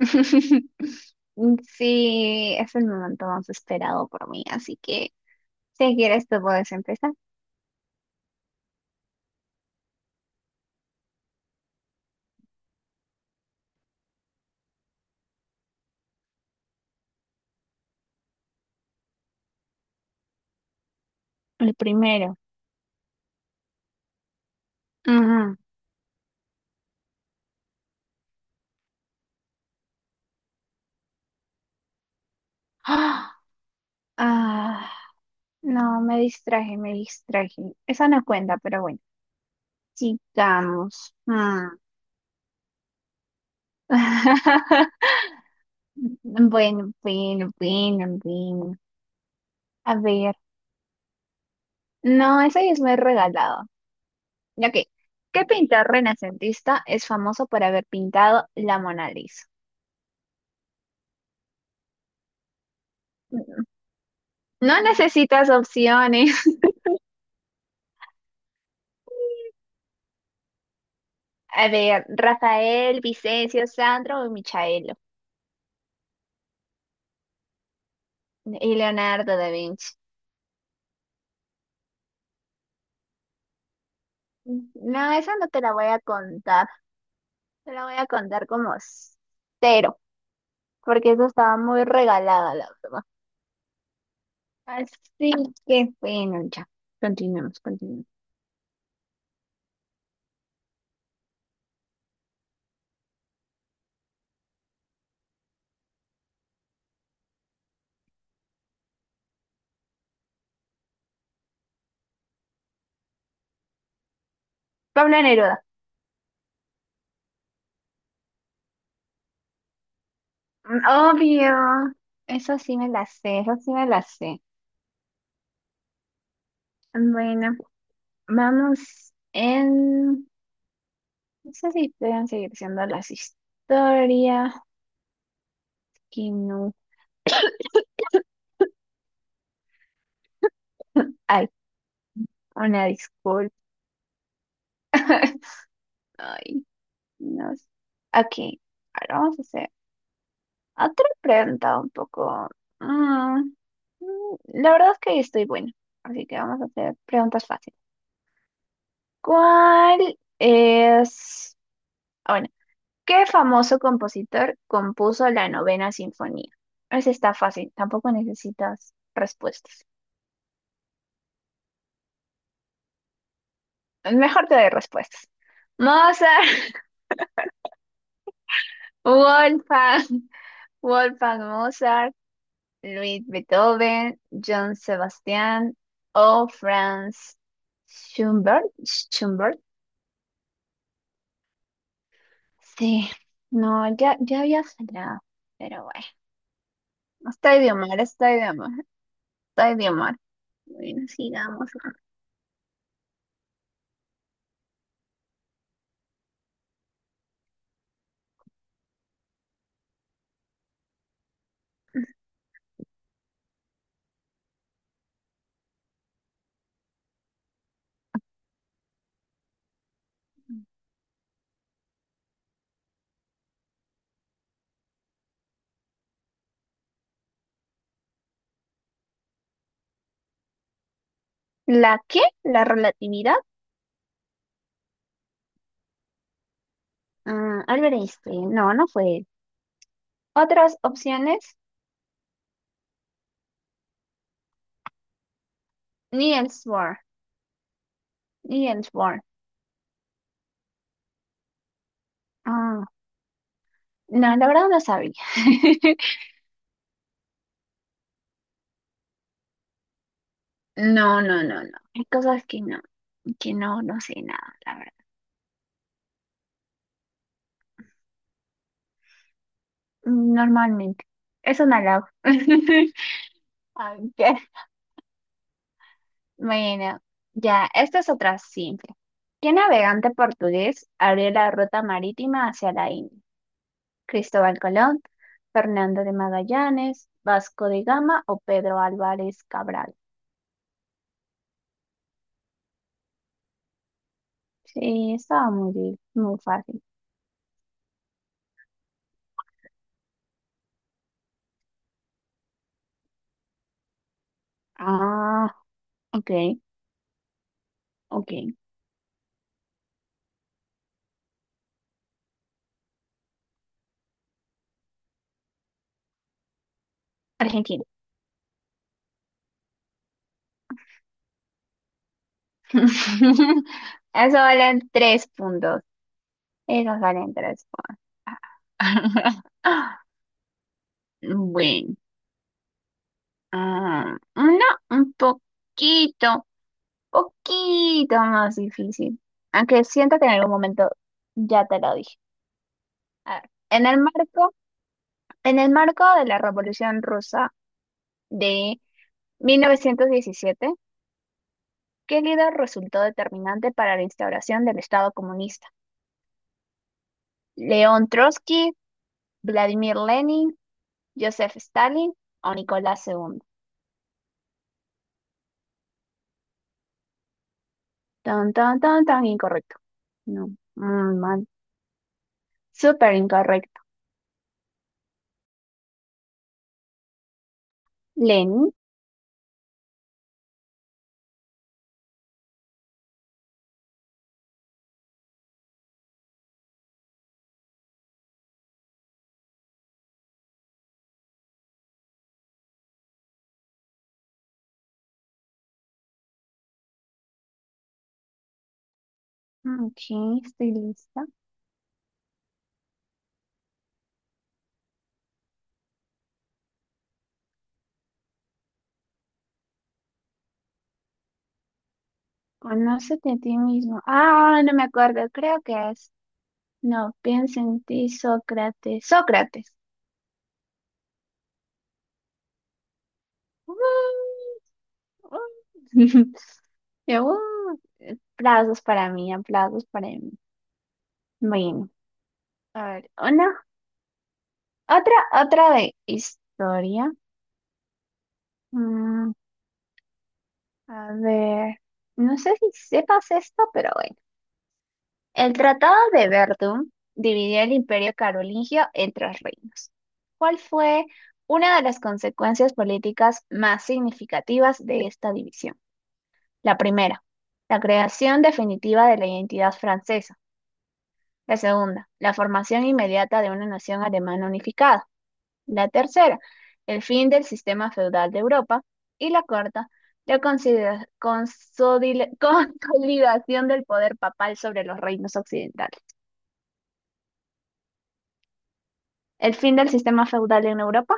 Sí, es el momento más esperado por mí, así que si quieres tú puedes empezar. El primero. Ujú. ¡Ah! Ah, no, me distraje, me distraje. Esa no cuenta, pero bueno, sigamos. Mm. Bueno, bueno, bueno, bueno. A ver, no, esa ya es muy regalado. Ok, ¿qué pintor renacentista es famoso por haber pintado la Mona Lisa? No necesitas opciones. A ver, Rafael, Vicencio, Sandro y Michaelo. Y Leonardo da Vinci. No, esa no te la voy a contar. Te la voy a contar como cero, porque eso estaba muy regalada, la verdad. Así que, bueno, ya. Continuemos, continuemos. Pablo Neruda. Obvio. Eso sí me la sé, eso sí me la sé. Bueno, vamos en... No sé si pueden seguir siendo las historias. Que no. Ay. Una disculpa. Ay, no sé. Aquí, ahora vamos a hacer otra pregunta un poco. mm, la verdad es que estoy buena, así que vamos a hacer preguntas fáciles. ¿Cuál es... ah, bueno, ¿qué famoso compositor compuso la novena sinfonía? Esa está fácil, tampoco necesitas respuestas. Mejor te doy respuestas. Mozart, Wolfgang, Wolfgang Mozart. Luis Beethoven, John Sebastián o Franz Schubert. Schubert. Sí, no, ya, ya había fallado, pero bueno, no está idiomar, está idiomar, está idiomar. Bueno, sigamos. ¿La qué? ¿La relatividad? Albert Einstein, no, no fue él. Otras opciones, Niels Bohr, Niels Bohr. Ah, no, la verdad no sabía. No, no, no, no. Hay cosas que no, no sé nada, la verdad. Normalmente. Es un halago. Ok. Bueno, ya, esta es otra simple. ¿Qué navegante portugués abrió la ruta marítima hacia la India? ¿Cristóbal Colón, Fernando de Magallanes, Vasco de Gama o Pedro Álvarez Cabral? Sí, estaba muy, muy fácil. Ah, ok, ok. Argentina. Eso valen tres puntos. Esos valen tres puntos. Bueno. Ah, no, un poquito, poquito más difícil. Aunque siento que en algún momento ya te lo dije. A ver, en el marco de la Revolución Rusa de 1917, ¿qué líder resultó determinante para la instauración del Estado comunista? ¿León Trotsky, Vladimir Lenin, Joseph Stalin o Nicolás II? Tan, tan, tan, tan incorrecto. No, muy mal. Súper incorrecto. Lenin. Ok, estoy lista. Conócete a ti mismo. Ah, no me acuerdo, creo que es. No, piensa en ti, Sócrates. Sócrates. Uh, uh. Yo, aplausos para mí, aplausos para mí. Bueno, a ver, una, otra, otra de historia. Mm, a ver, no sé si sepas esto, pero bueno. El Tratado de Verdún dividió el Imperio carolingio en tres reinos, ¿cuál fue una de las consecuencias políticas más significativas de esta división? La primera, la creación definitiva de la identidad francesa. La segunda, la formación inmediata de una nación alemana unificada. La tercera, el fin del sistema feudal de Europa. Y la cuarta, la consolidación del poder papal sobre los reinos occidentales. ¿El fin del sistema feudal en Europa?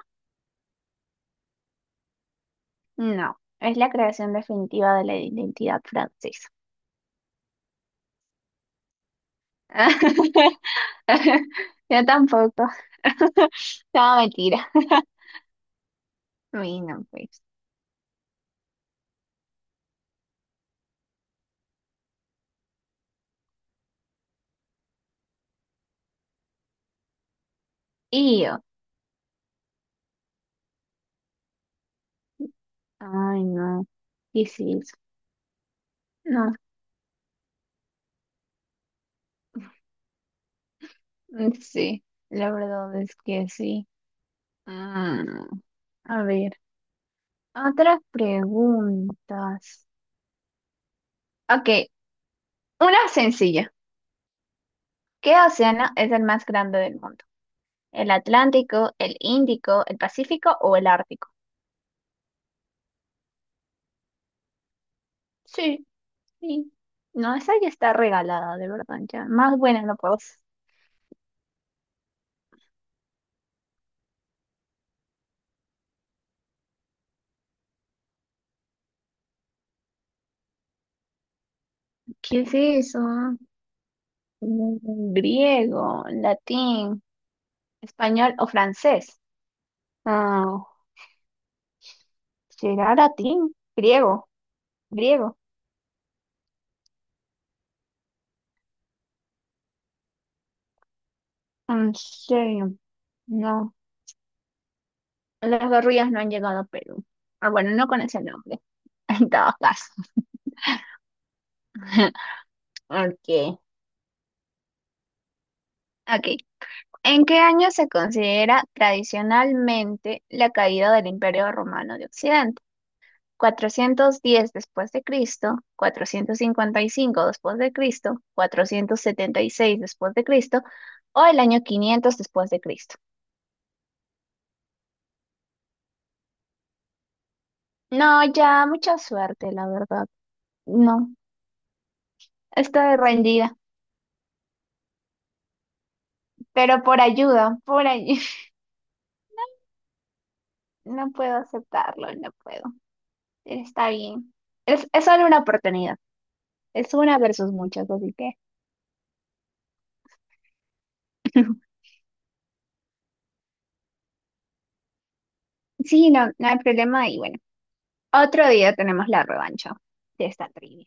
No, es la creación definitiva de la identidad francesa. Yo tampoco. No, mentira. Ay, no, pues. Y yo. Ay, no. ¿Qué es eso? No. Mm, sí, la verdad es que sí. Mm, a ver, otras preguntas. Ok, una sencilla. ¿Qué océano es el más grande del mundo? ¿El Atlántico, el Índico, el Pacífico o el Ártico? Sí, sí. No, esa ya está regalada, de verdad, ya. Más buena no puedo hacer. ¿Qué es eso? Griego, latín, español o francés. Ah, ¿será latín? Griego, griego. En serio, no. Las gorrillas no han llegado a Perú. Ah, bueno, no con ese nombre, en todo caso. Ok, ok. ¿En qué año se considera tradicionalmente la caída del Imperio Romano de Occidente? ¿410 después de Cristo? ¿455 después de Cristo? ¿476 después de Cristo? ¿O el año 500 después de Cristo? No, ya, mucha suerte, la verdad. No, estoy rendida, pero por ayuda, por ayuda. No puedo aceptarlo, no puedo. Está bien. Es solo una oportunidad. Es una versus muchas, así que... Sí, no, no hay problema y bueno, otro día tenemos la revancha de esta trivia.